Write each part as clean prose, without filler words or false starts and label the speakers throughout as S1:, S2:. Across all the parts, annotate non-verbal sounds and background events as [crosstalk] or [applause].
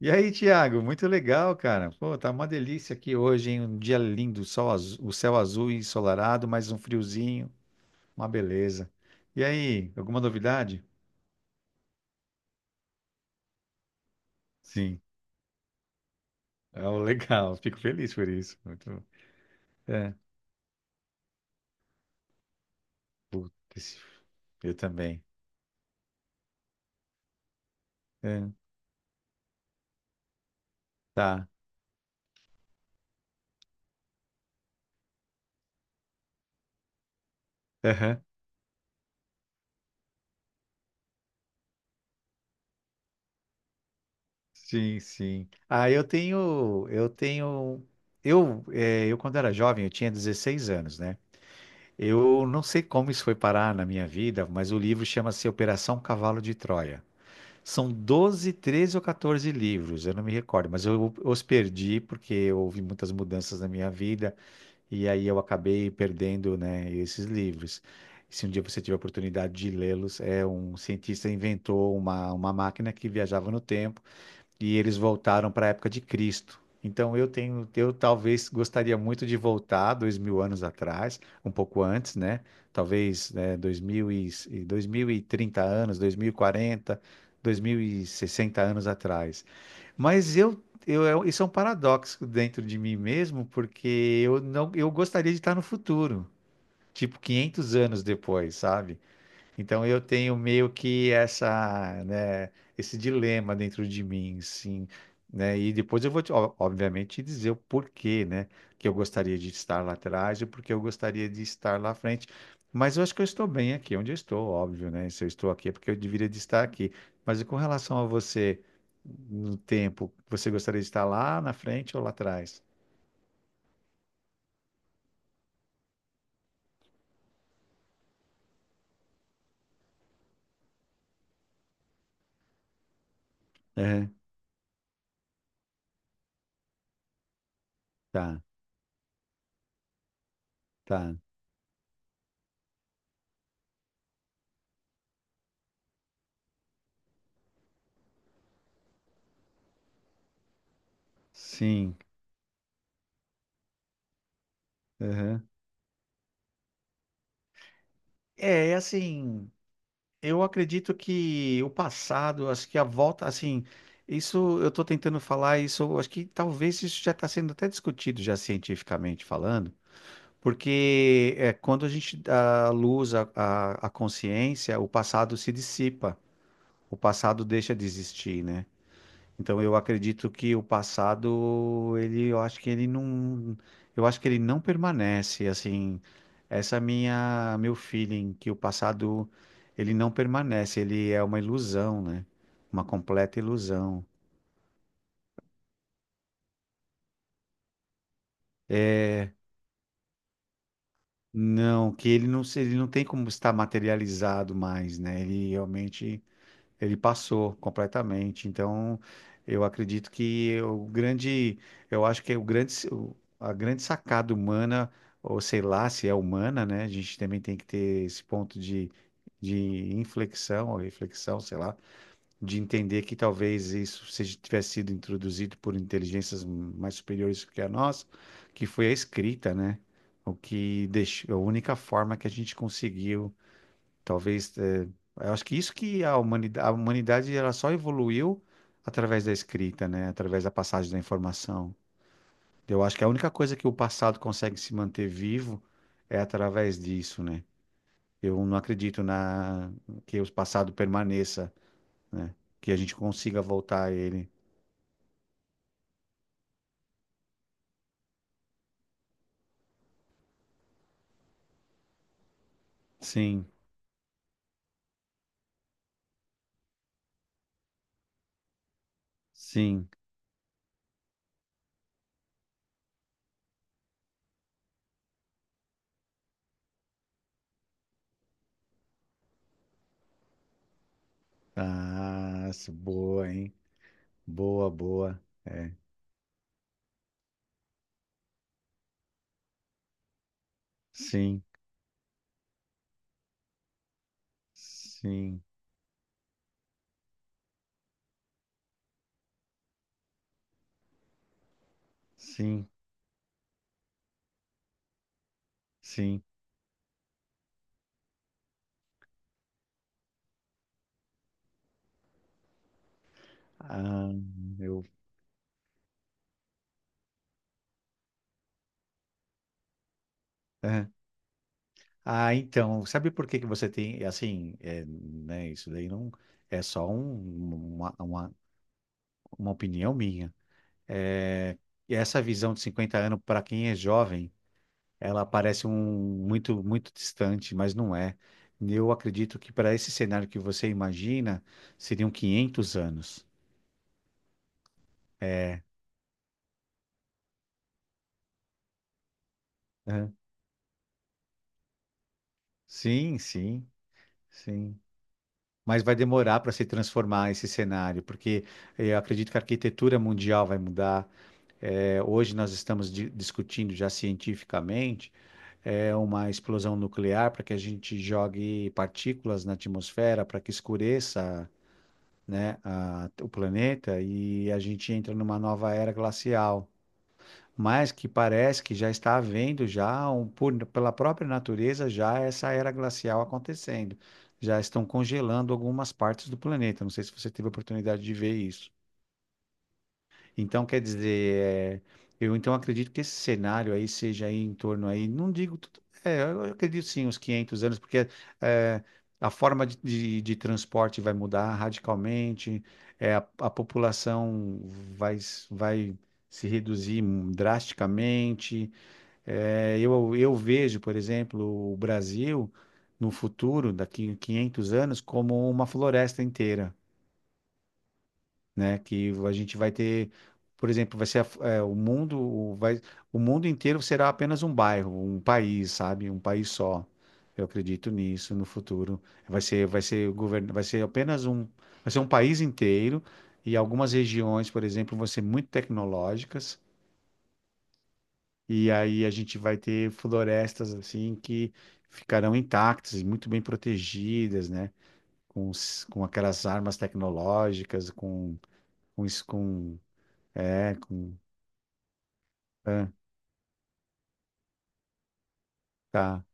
S1: E aí, Thiago, muito legal, cara. Pô, tá uma delícia aqui hoje, hein? Um dia lindo, o céu azul e ensolarado, mais um friozinho, uma beleza. E aí, alguma novidade? Sim. É o legal, fico feliz por isso. Muito. É, putz, eu também. É, tá. Aham. Sim, sim. Ah, eu quando era jovem, eu tinha 16 anos, né? Eu não sei como isso foi parar na minha vida, mas o livro chama-se Operação Cavalo de Troia. São 12, 13 ou 14 livros, eu não me recordo, mas eu os perdi porque houve muitas mudanças na minha vida e aí eu acabei perdendo, né, esses livros. Se um dia você tiver a oportunidade de lê-los, é um cientista inventou uma máquina que viajava no tempo e eles voltaram para a época de Cristo. Então, eu tenho, eu talvez gostaria muito de voltar 2.000 anos atrás, um pouco antes, né? Talvez, né, 2.030 anos, 2.040, 2.060 anos atrás. Mas isso é um paradoxo dentro de mim mesmo, porque eu gostaria de estar no futuro, tipo 500 anos depois, sabe? Então eu tenho meio que esse dilema dentro de mim, sim, né? E depois eu vou, ó, obviamente, te dizer o porquê, né, que eu gostaria de estar lá atrás e porque eu gostaria de estar lá à frente. Mas eu acho que eu estou bem aqui, onde eu estou, óbvio, né? Se eu estou aqui é porque eu deveria de estar aqui. Mas e com relação a você, no tempo, você gostaria de estar lá na frente ou lá atrás? Aham. Tá, tá. Sim. Aham. É, é assim. Eu acredito que o passado, acho que a volta, assim, isso eu estou tentando falar, isso eu acho que talvez isso já está sendo até discutido já cientificamente falando, porque é, quando a gente dá luz à consciência, o passado se dissipa, o passado deixa de existir, né? Então eu acredito que o passado, ele, eu acho que ele não permanece, assim, essa é meu feeling que o passado ele não permanece, ele é uma ilusão, né? Uma completa ilusão. É, não, que ele não, ele não tem como estar materializado mais, né? Ele realmente. Ele passou completamente. Então, eu acredito que o grande, eu acho que é a grande sacada humana, ou sei lá se é humana, né? A gente também tem que ter esse ponto de inflexão ou reflexão, sei lá, de entender que talvez isso seja, tivesse sido introduzido por inteligências mais superiores que a nossa, que foi a escrita, né? O que deixou, a única forma que a gente conseguiu. Talvez, eu acho que isso que a humanidade ela só evoluiu através da escrita, né? Através da passagem da informação. Eu acho que a única coisa que o passado consegue se manter vivo é através disso, né? Eu não acredito na que o passado permaneça, né? Que a gente consiga voltar a ele. Sim, sim. Ah, isso, boa, hein? Boa, boa. É. Sim, sim, sim, sim. Ah, eu. [laughs] Ah, então, sabe por que que você tem, é assim, é, né, isso daí não é só uma opinião minha. É, e essa visão de 50 anos, para quem é jovem, ela parece um muito, muito distante, mas não é. Eu acredito que para esse cenário que você imagina, seriam 500 anos. É, é. Sim, sim, sim. Mas vai demorar para se transformar esse cenário, porque eu acredito que a arquitetura mundial vai mudar. É, hoje nós estamos discutindo já cientificamente é, uma explosão nuclear para que a gente jogue partículas na atmosfera para que escureça, né, o planeta e a gente entra numa nova era glacial. Mas que parece que já está havendo já pela própria natureza já essa era glacial acontecendo. Já estão congelando algumas partes do planeta. Não sei se você teve a oportunidade de ver isso. Então, quer dizer, é, eu então acredito que esse cenário aí seja aí em torno aí, não digo, é, eu acredito sim, uns 500 anos, porque é, a forma de transporte vai mudar radicalmente, é, a população vai se reduzir drasticamente. É, eu vejo, por exemplo, o Brasil no futuro, daqui a 500 anos, como uma floresta inteira, né? Que a gente vai ter, por exemplo, vai ser é, o mundo inteiro será apenas um bairro, um país, sabe? Um país só. Eu acredito nisso no futuro. Vai ser o governo, vai ser um país inteiro e algumas regiões, por exemplo, vão ser muito tecnológicas e aí a gente vai ter florestas assim que ficarão intactas e muito bem protegidas, né? Com aquelas armas tecnológicas, com, isso- com é, com. É, tá.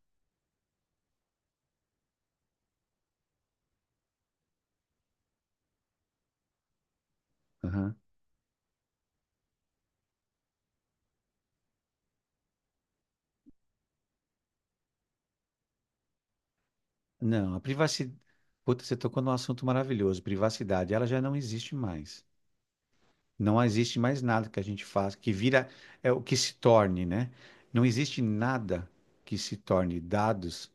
S1: Aham. Não, a privacidade. Puta, você tocou num assunto maravilhoso. Privacidade, ela já não existe mais. Não existe mais nada que a gente faça, que vira, é o que se torne, né? Não existe nada que se torne dados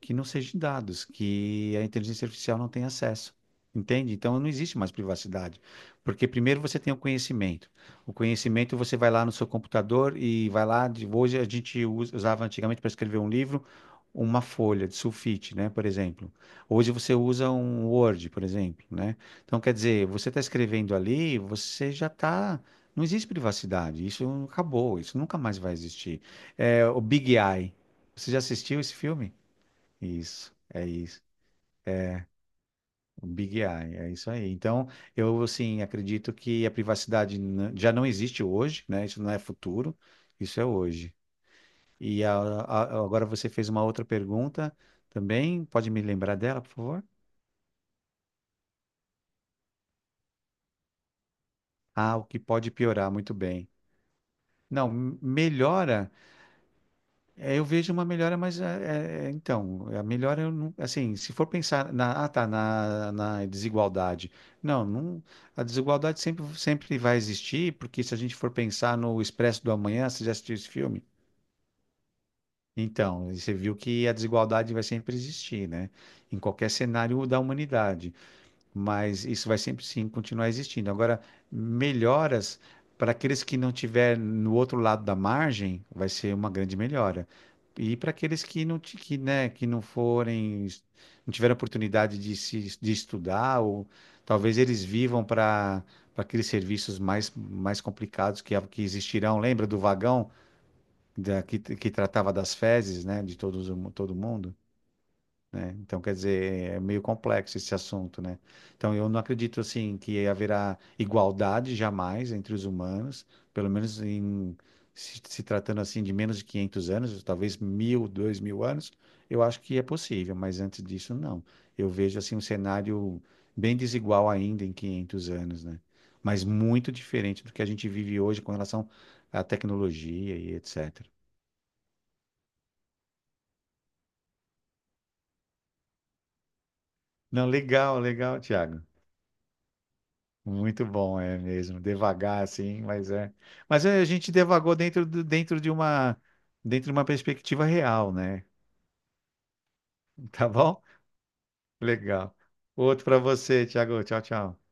S1: que não seja dados, que a inteligência artificial não tem acesso. Entende? Então não existe mais privacidade. Porque primeiro você tem o conhecimento. O conhecimento você vai lá no seu computador e vai lá. Hoje a gente usava antigamente para escrever um livro. Uma folha de sulfite, né, por exemplo. Hoje você usa um Word, por exemplo, né? Então, quer dizer, você está escrevendo ali, você já está. Não existe privacidade, isso acabou, isso nunca mais vai existir. É, o Big Eye. Você já assistiu esse filme? Isso, é isso. O Big Eye, é isso aí. Então, eu, assim, acredito que a privacidade já não existe hoje, né? Isso não é futuro, isso é hoje. E agora você fez uma outra pergunta também. Pode me lembrar dela, por favor? Ah, o que pode piorar, muito bem. Não, melhora, eu vejo uma melhora, mas então, a melhora eu não, assim, se for pensar ah, tá, na desigualdade. Não, não, a desigualdade sempre, sempre vai existir, porque se a gente for pensar no Expresso do Amanhã, você já assistiu esse filme? Então, você viu que a desigualdade vai sempre existir, né? Em qualquer cenário da humanidade. Mas isso vai sempre sim continuar existindo. Agora, melhoras para aqueles que não tiver no outro lado da margem, vai ser uma grande melhora. E para aqueles que não, que, né, que não forem, não tiveram oportunidade de se de estudar, ou talvez eles vivam para aqueles serviços mais, mais complicados que existirão. Lembra do vagão da, que tratava das fezes, né, de todos, todo mundo? Então, quer dizer, é meio complexo esse assunto, né? Então, eu não acredito, assim, que haverá igualdade jamais entre os humanos, pelo menos em se tratando, assim, de menos de 500 anos, talvez 1.000, 2.000 anos, eu acho que é possível, mas antes disso, não. Eu vejo, assim, um cenário bem desigual ainda em 500 anos, né? Mas muito diferente do que a gente vive hoje com relação à tecnologia e etc. Não, legal, legal, Thiago. Muito bom, é mesmo. Devagar, assim, mas é. Mas é, a gente devagou dentro, dentro de uma perspectiva real, né? [laughs] Tá bom? Legal. Outro para você, Thiago. Tchau, tchau.